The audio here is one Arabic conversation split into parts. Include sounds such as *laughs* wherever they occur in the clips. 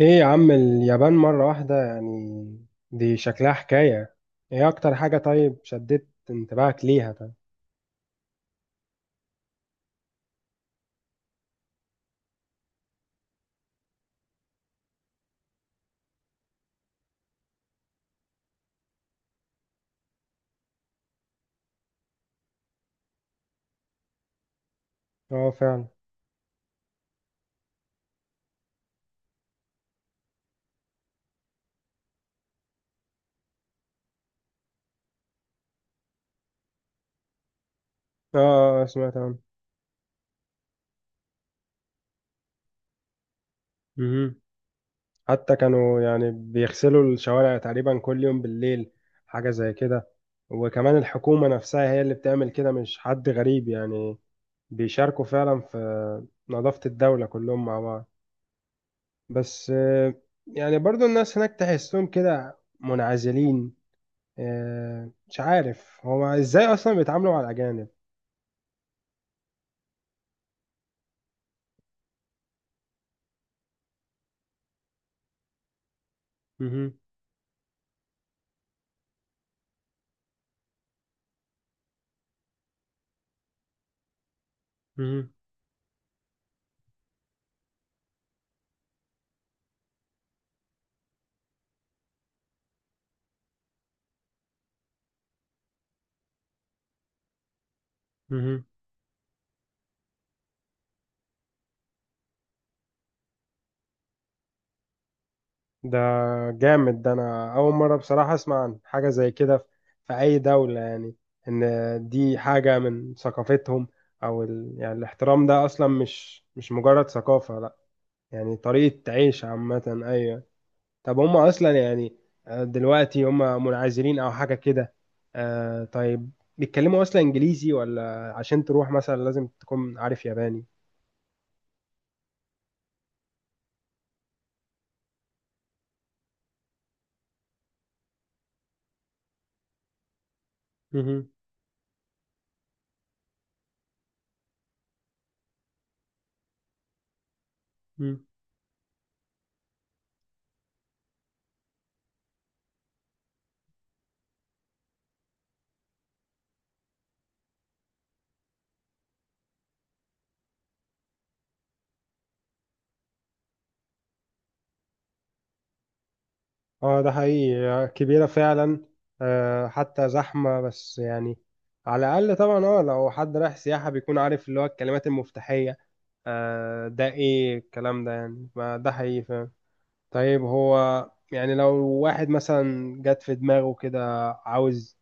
ايه يا عم اليابان مرة واحدة يعني؟ دي شكلها حكاية. ايه اكتر حاجة طيب شدت انتباهك ليها طيب؟ اه فعلا. اه، سمعت عنه. مهم. حتى كانوا يعني بيغسلوا الشوارع تقريبا كل يوم بالليل، حاجة زي كده. وكمان الحكومة نفسها هي اللي بتعمل كده، مش حد غريب يعني. بيشاركوا فعلا في نظافة الدولة كلهم مع بعض. بس، يعني برضو الناس هناك تحسهم كده منعزلين. مش عارف هو ازاي اصلا بيتعاملوا مع الاجانب. مهم، مهم، مهم. ده جامد، ده انا اول مره بصراحه اسمع عن حاجه زي كده في اي دوله يعني، ان دي حاجه من ثقافتهم. او يعني الاحترام ده اصلا مش مجرد ثقافه، لا. يعني طريقه عيش عامه، ايوه. طب هم اصلا يعني، دلوقتي هم منعزلين او حاجه كده. آه، طيب. بيتكلموا اصلا انجليزي ولا عشان تروح مثلا لازم تكون عارف ياباني؟ مهم. مم. اه ده حقيقي، كبيرة فعلا. حتى زحمة بس يعني. على الأقل طبعا لو حد رايح سياحة بيكون عارف اللي هو الكلمات المفتاحية. ده ايه الكلام ده يعني؟ ما ده حقيقي فعلا. طيب هو يعني لو واحد مثلا جات في دماغه كده عاوز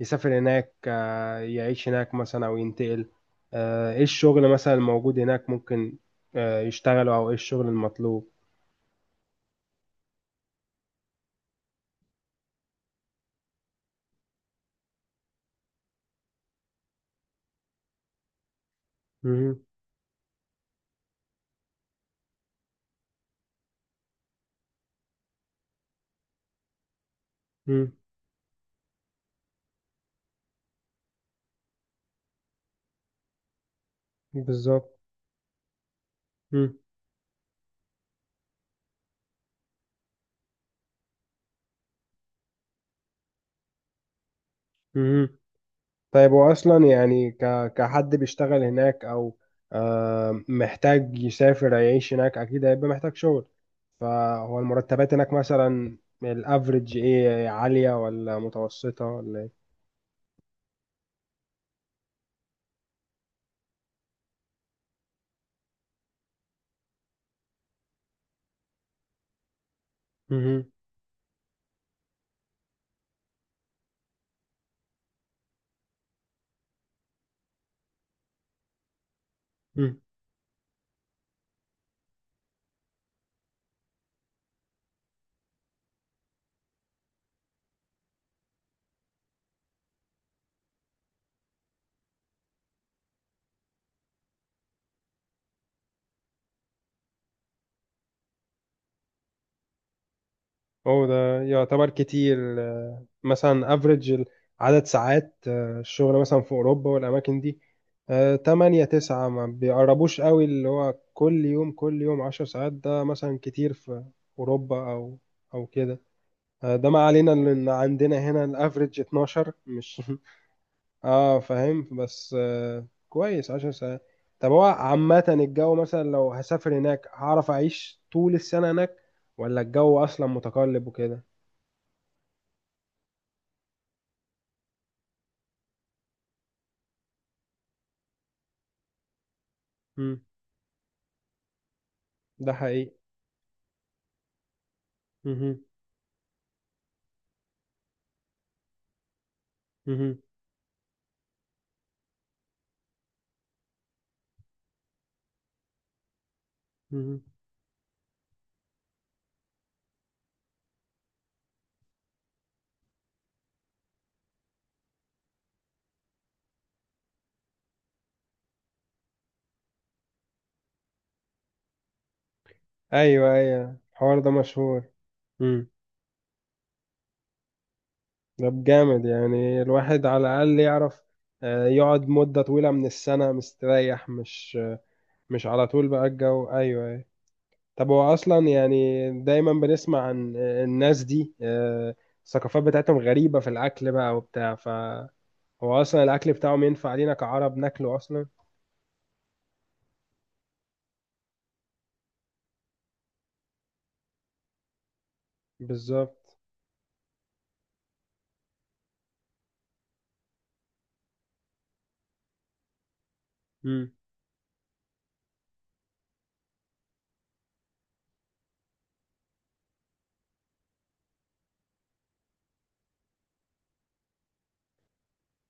يسافر هناك، يعيش هناك مثلا أو ينتقل، ايه الشغل مثلا الموجود هناك ممكن يشتغله، أو ايه الشغل المطلوب؟ مهم. مم. بالظبط. مم. مم. طيب هو اصلا يعني كحد بيشتغل هناك، او محتاج يسافر يعيش هناك، اكيد هيبقى محتاج شغل. فهو المرتبات هناك مثلا، الافريج ايه، عالية ولا متوسطة ولا ايه؟ مم. مم. هو ده يعتبر كتير مثلا افريج عدد ساعات الشغل مثلا في اوروبا والاماكن دي؟ تمانية تسعة ما بيقربوش قوي، اللي هو كل يوم كل يوم عشر ساعات ده مثلا كتير في اوروبا، او كده. ده ما علينا، ان عندنا هنا الافريج 12 مش *laughs* اه، فاهم، بس كويس عشر ساعات. طب هو عامة الجو مثلا لو هسافر هناك هعرف اعيش طول السنة هناك، ولا الجو اصلا متقلب وكده؟ ده حقيقي. مهم. مهم. مهم. ايوه، ايوه، الحوار ده مشهور. مم. ده جامد، يعني الواحد على الاقل يعرف يقعد مده طويله من السنه مستريح، مش على طول بقى الجو، ايوه، أيوة. طب هو اصلا يعني دايما بنسمع عن الناس دي، الثقافات بتاعتهم غريبه في الاكل بقى وبتاع، فهو اصلا الاكل بتاعهم ينفع لينا كعرب ناكله اصلا؟ بالظبط.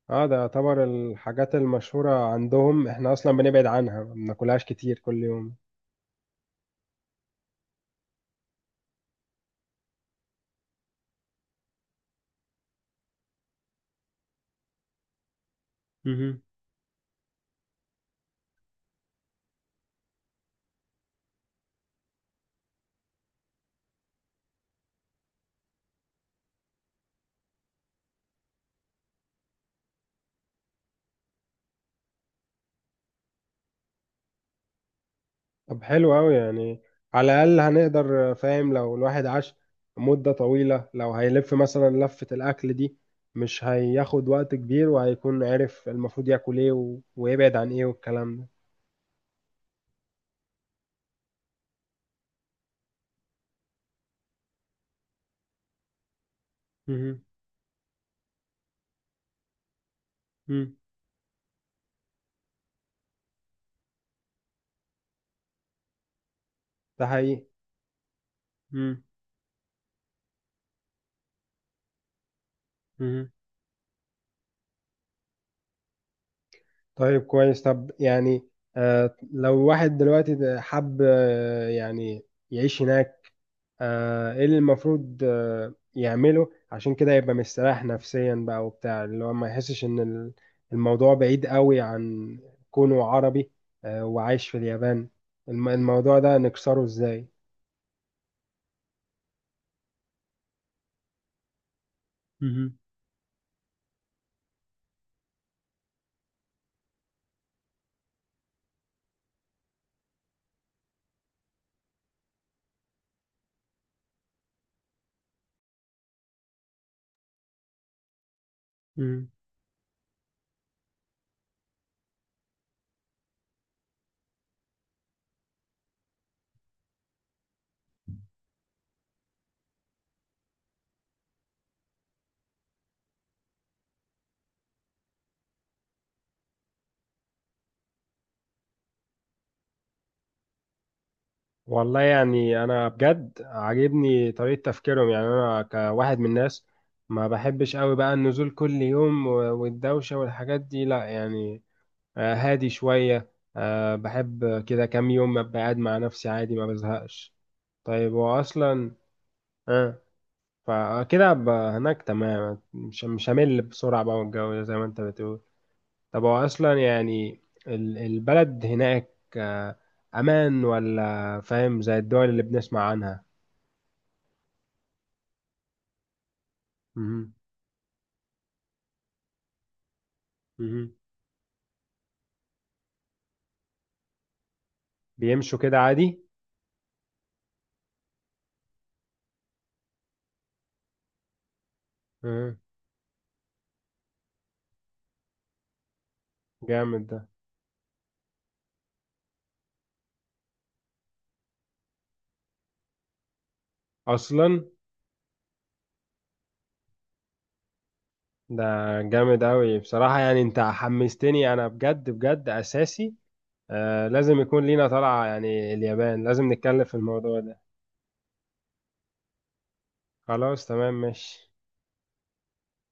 اه، ده يعتبر الحاجات المشهورة عندهم احنا اصلا بنبعد عنها، ما بناكلهاش كتير كل يوم. مهم. طب حلو أوي يعني، على الأقل هنقدر فاهم لو الواحد عاش مدة طويلة، لو هيلف مثلا لفة الأكل دي مش هياخد وقت كبير، وهيكون عارف المفروض ياكل ايه ويبعد عن ايه والكلام ده. مهم. مم. ده حقيقي. مم. مهم. طيب كويس، طب يعني لو واحد دلوقتي حب يعني يعيش هناك، ايه اللي المفروض يعمله عشان كده يبقى مستريح نفسيا بقى وبتاع، اللي هو ما يحسش ان الموضوع بعيد قوي عن كونه عربي، وعايش في اليابان، الموضوع ده نكسره ازاي؟ مهم. مهم. والله يعني انا بجد عاجبني طريقة تفكيرهم، يعني انا كواحد من الناس ما بحبش قوي بقى النزول كل يوم والدوشة والحاجات دي، لا يعني. هادي شوية. بحب كده كام يوم أبقى قاعد مع نفسي عادي ما بزهقش. طيب هو أصلا، آه فكده أبقى هناك تمام، مش همل بسرعة بقى، والجو ده زي ما أنت بتقول. طب هو أصلا يعني البلد هناك أمان ولا فاهم زي الدول اللي بنسمع عنها؟ مهم. مهم. بيمشوا كده عادي. مهم. جامد ده. أصلا. ده جامد أوي بصراحة، يعني أنت حمستني، أنا بجد، بجد أساسي. لازم يكون لينا طلعة يعني اليابان، لازم نتكلم في الموضوع ده. خلاص، تمام، ماشي.